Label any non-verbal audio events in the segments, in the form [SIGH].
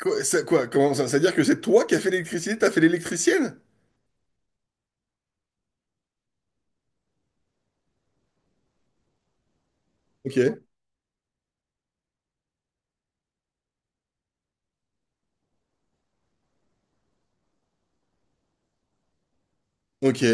Quoi, ça, quoi, comment ça? C'est-à-dire que c'est toi qui as fait l'électricité, t'as fait l'électricienne? Ok, ok.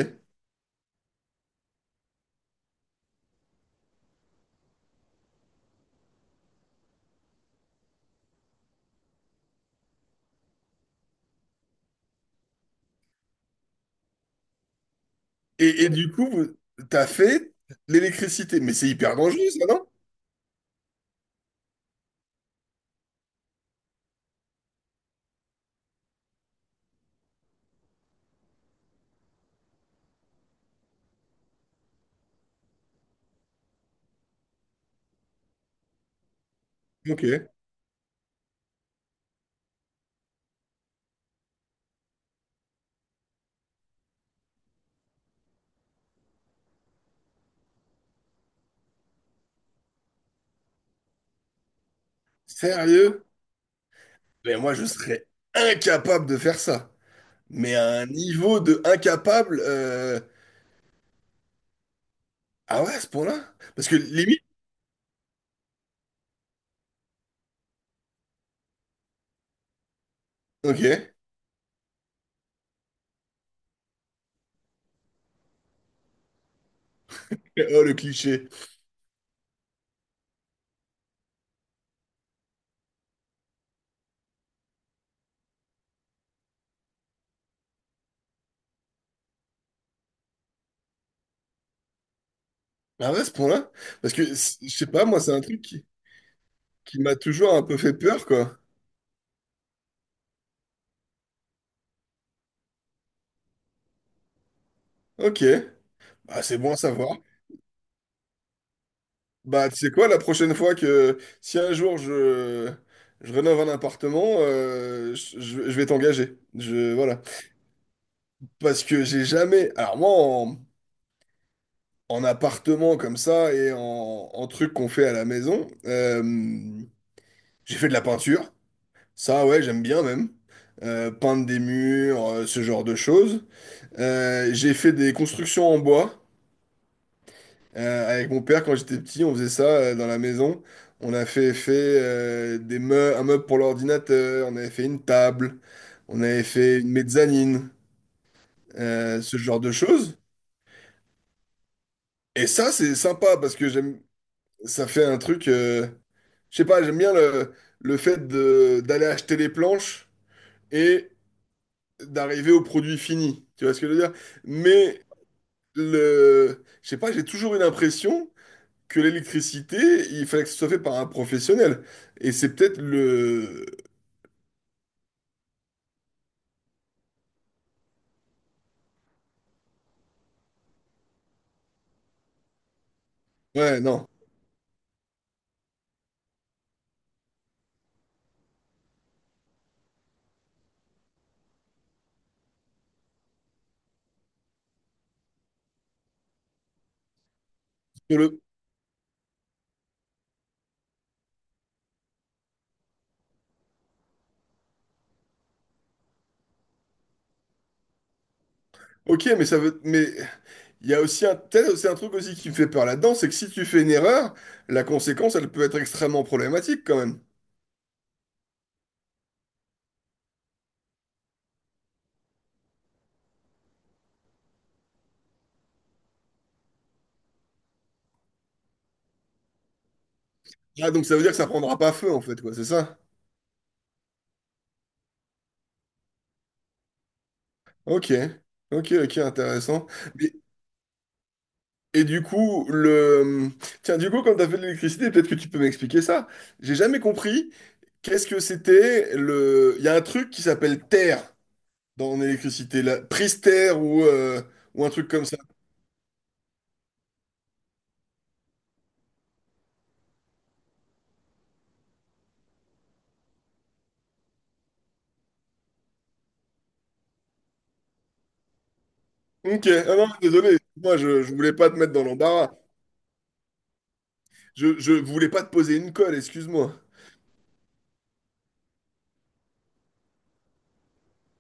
Et du coup, t'as fait l'électricité. Mais c'est hyper dangereux, ça, non? Ok. Sérieux? Mais moi, je serais incapable de faire ça. Mais à un niveau de incapable... Ah ouais, à ce point-là? Parce que limite... Ok. Oh, le cliché. Ah ouais, à ce point-là? Parce que, je sais pas, moi, c'est un truc qui m'a toujours un peu fait peur, quoi. Ok. Ah, c'est bon à savoir. Bah, tu sais quoi, la prochaine fois que si un jour je rénove un appartement, je vais t'engager. Je, voilà. Parce que j'ai jamais. Alors, moi, en appartement comme ça et en truc qu'on fait à la maison, j'ai fait de la peinture. Ça, ouais, j'aime bien même. Peindre des murs, ce genre de choses. J'ai fait des constructions en bois. Avec mon père, quand j'étais petit, on faisait ça dans la maison. On a fait un meuble pour l'ordinateur, on avait fait une table, on avait fait une mezzanine, ce genre de choses. Et ça, c'est sympa parce que j'aime, ça fait un truc. Je sais pas, j'aime bien le fait de d'aller acheter les planches et d'arriver au produit fini. Tu vois ce que je veux dire? Mais le, je sais pas, j'ai toujours eu l'impression que l'électricité, il fallait que ce soit fait par un professionnel. Et c'est peut-être le... Ouais, non. Sur le- Ok, mais ça veut... Mais il y a aussi un... peut-être aussi un truc aussi qui me fait peur là-dedans, c'est que si tu fais une erreur, la conséquence, elle peut être extrêmement problématique quand même. Ah, donc ça veut dire que ça prendra pas feu, en fait, quoi, c'est ça? Ok. Ok, ok, intéressant. Mais- Et du coup, le... Tiens, du coup, quand t'as fait de l'électricité, peut-être que tu peux m'expliquer ça. J'ai jamais compris qu'est-ce que c'était le... Il y a un truc qui s'appelle terre dans l'électricité, la Prister ou un truc comme ça. Ok, ah non, désolé, moi je voulais pas te mettre dans l'embarras. Je voulais pas te poser une colle, excuse-moi.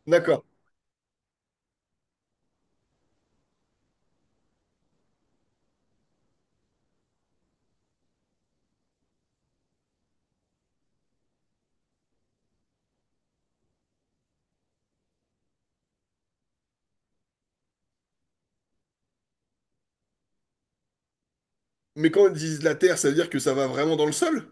D'accord. Mais quand ils disent la terre, ça veut dire que ça va vraiment dans le sol?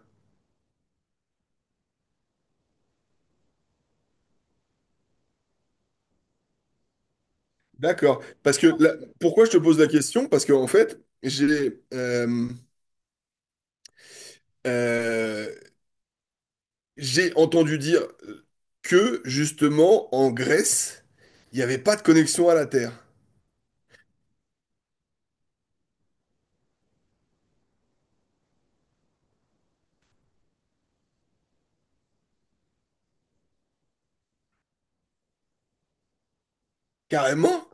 D'accord. Parce que pourquoi je te pose la question? Parce que en fait, euh, j'ai entendu dire que justement en Grèce, il n'y avait pas de connexion à la terre. Carrément?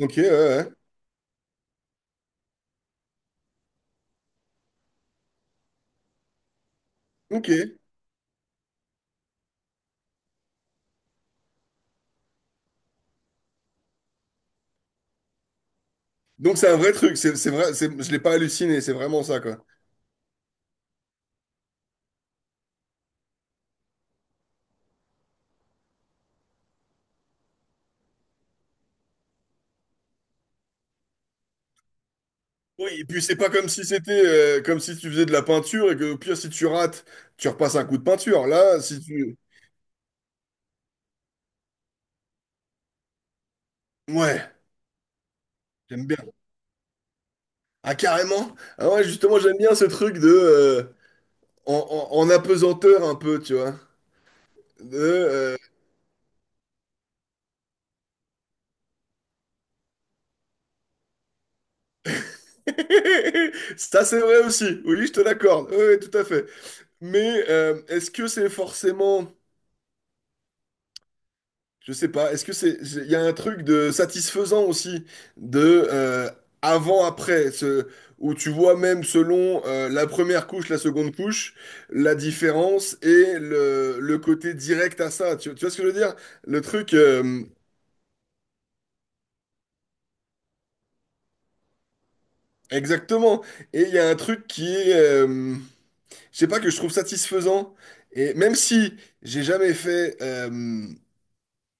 Ok, ouais, ouais. Ok. Donc c'est un vrai truc, c'est vrai, je l'ai pas halluciné, c'est vraiment ça quoi. Oui, et puis c'est pas comme si c'était comme si tu faisais de la peinture et que au pire si tu rates, tu repasses un coup de peinture. Là, si tu Ouais, j'aime bien. Ah carrément? Ah ouais, justement, j'aime bien ce truc de en, en apesanteur un peu, tu vois. De, [LAUGHS] Ça c'est vrai aussi. Oui, je te l'accorde. Oui, oui, tout à fait. Mais est-ce que c'est forcément je sais pas, est-ce que il y a un truc de satisfaisant aussi, de avant-après, où tu vois même selon la première couche, la seconde couche, la différence et le côté direct à ça. Tu vois ce que je veux dire? Le truc, exactement. Et il y a un truc qui est, je sais pas, que je trouve satisfaisant. Et même si j'ai jamais fait,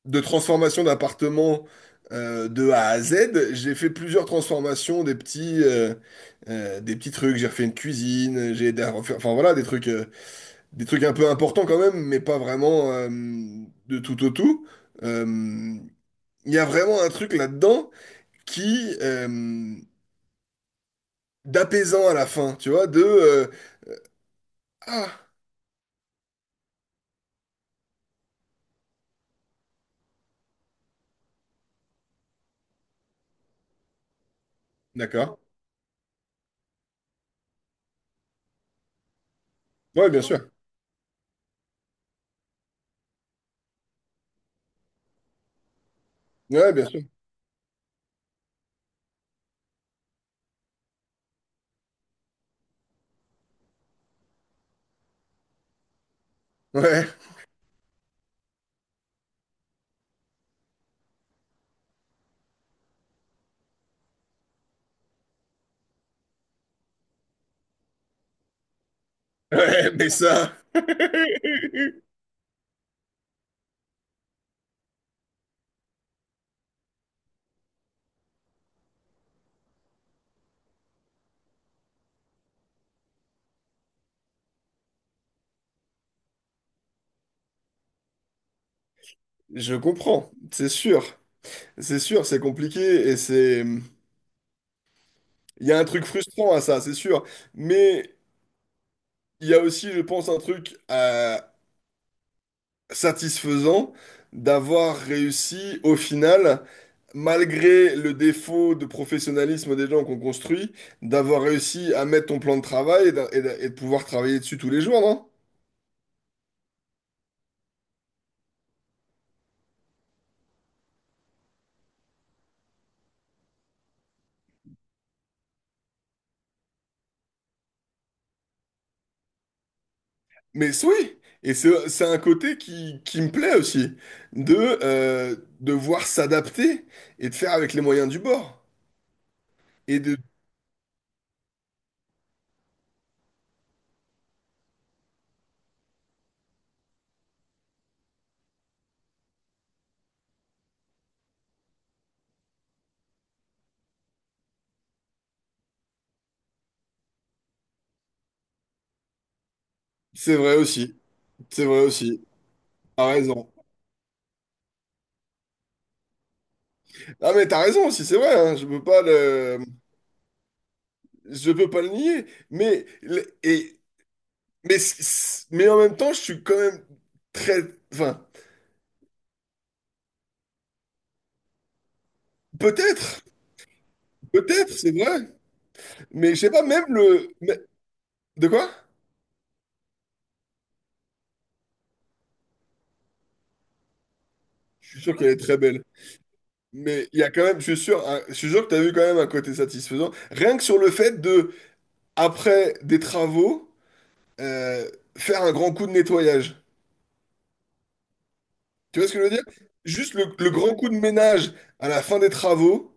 de transformation d'appartement de A à Z. J'ai fait plusieurs transformations, des petits trucs. J'ai refait une cuisine, j'ai aidé à refaire, enfin voilà, des trucs un peu importants quand même, mais pas vraiment de tout au tout. Euh, Il y a vraiment un truc là-dedans qui, d'apaisant à la fin, tu vois, de ah, d'accord, ouais, bien sûr, ouais, bien sûr, ouais, [LAUGHS] ouais, mais ça, je comprends, c'est sûr. C'est sûr, c'est compliqué et c'est. Il y a un truc frustrant à ça, c'est sûr. Mais il y a aussi, je pense, un truc satisfaisant d'avoir réussi au final, malgré le défaut de professionnalisme des gens qu'on construit, d'avoir réussi à mettre ton plan de travail et, et de pouvoir travailler dessus tous les jours, non? Mais c'est- oui! Et c'est un côté qui me plaît aussi, de euh, devoir s'adapter et de faire avec les moyens du bord. Et de. C'est vrai aussi. C'est vrai aussi. T'as raison. Ah mais t'as raison aussi, c'est vrai, hein, je peux pas le nier, mais mais mais en même temps, je suis quand même très enfin, peut-être, peut-être, c'est vrai, mais je sais pas même le mais- de quoi? Je suis sûr qu'elle est très belle. Mais il y a quand même, je suis sûr, hein, je suis sûr que t'as vu quand même un côté satisfaisant. Rien que sur le fait de, après des travaux, euh, faire un grand coup de nettoyage. Tu vois ce que je veux dire? Juste le grand coup de ménage à la fin des travaux,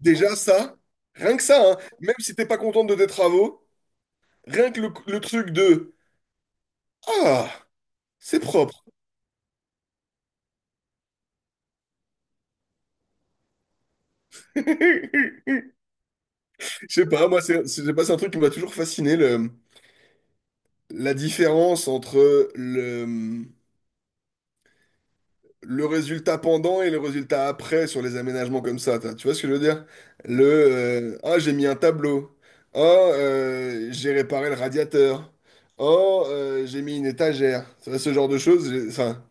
déjà ça, rien que ça, hein, même si t'es pas contente de tes travaux, rien que le truc de Ah, c'est propre. [LAUGHS] Je sais pas, moi, je sais pas, c'est un truc qui m'a toujours fasciné, le, la différence entre le, le résultat pendant et le résultat après sur les aménagements comme ça, tu vois ce que je veux dire? Le ah j'ai mis un tableau, ah j'ai réparé le radiateur, oh j'ai mis une étagère, ça, ce genre de choses, enfin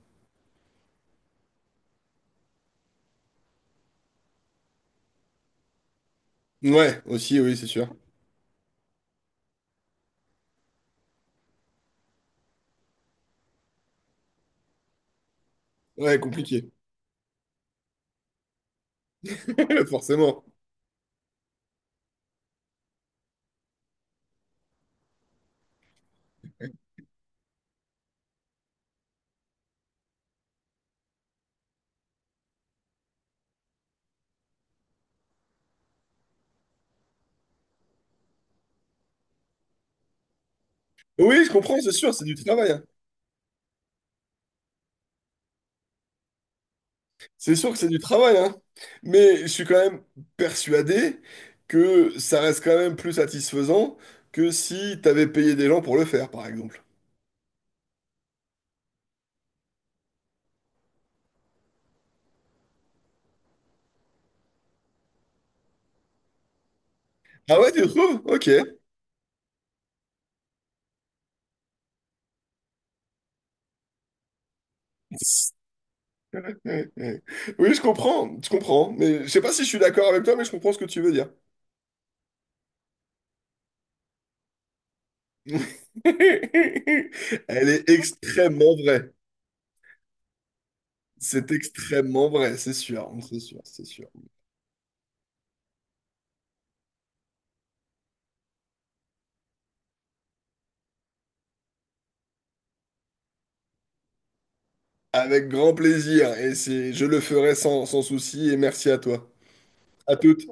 ouais aussi oui c'est sûr, ouais compliqué [LAUGHS] forcément. Oui je comprends c'est sûr c'est du travail, hein. C'est sûr que c'est du travail hein, mais je suis quand même persuadé que ça reste quand même plus satisfaisant que si t'avais payé des gens pour le faire par exemple. Ah ouais, tu trouves? Ok. [LAUGHS] Ouais, ouais. Oui, je comprends, je comprends. Mais je sais pas si je suis d'accord avec toi, mais je comprends ce que tu veux dire. [LAUGHS] Elle est extrêmement vraie. C'est extrêmement vrai, c'est sûr, c'est sûr, c'est sûr. Avec grand plaisir, et c'est, je le ferai sans, sans souci, et merci à toi. À toutes.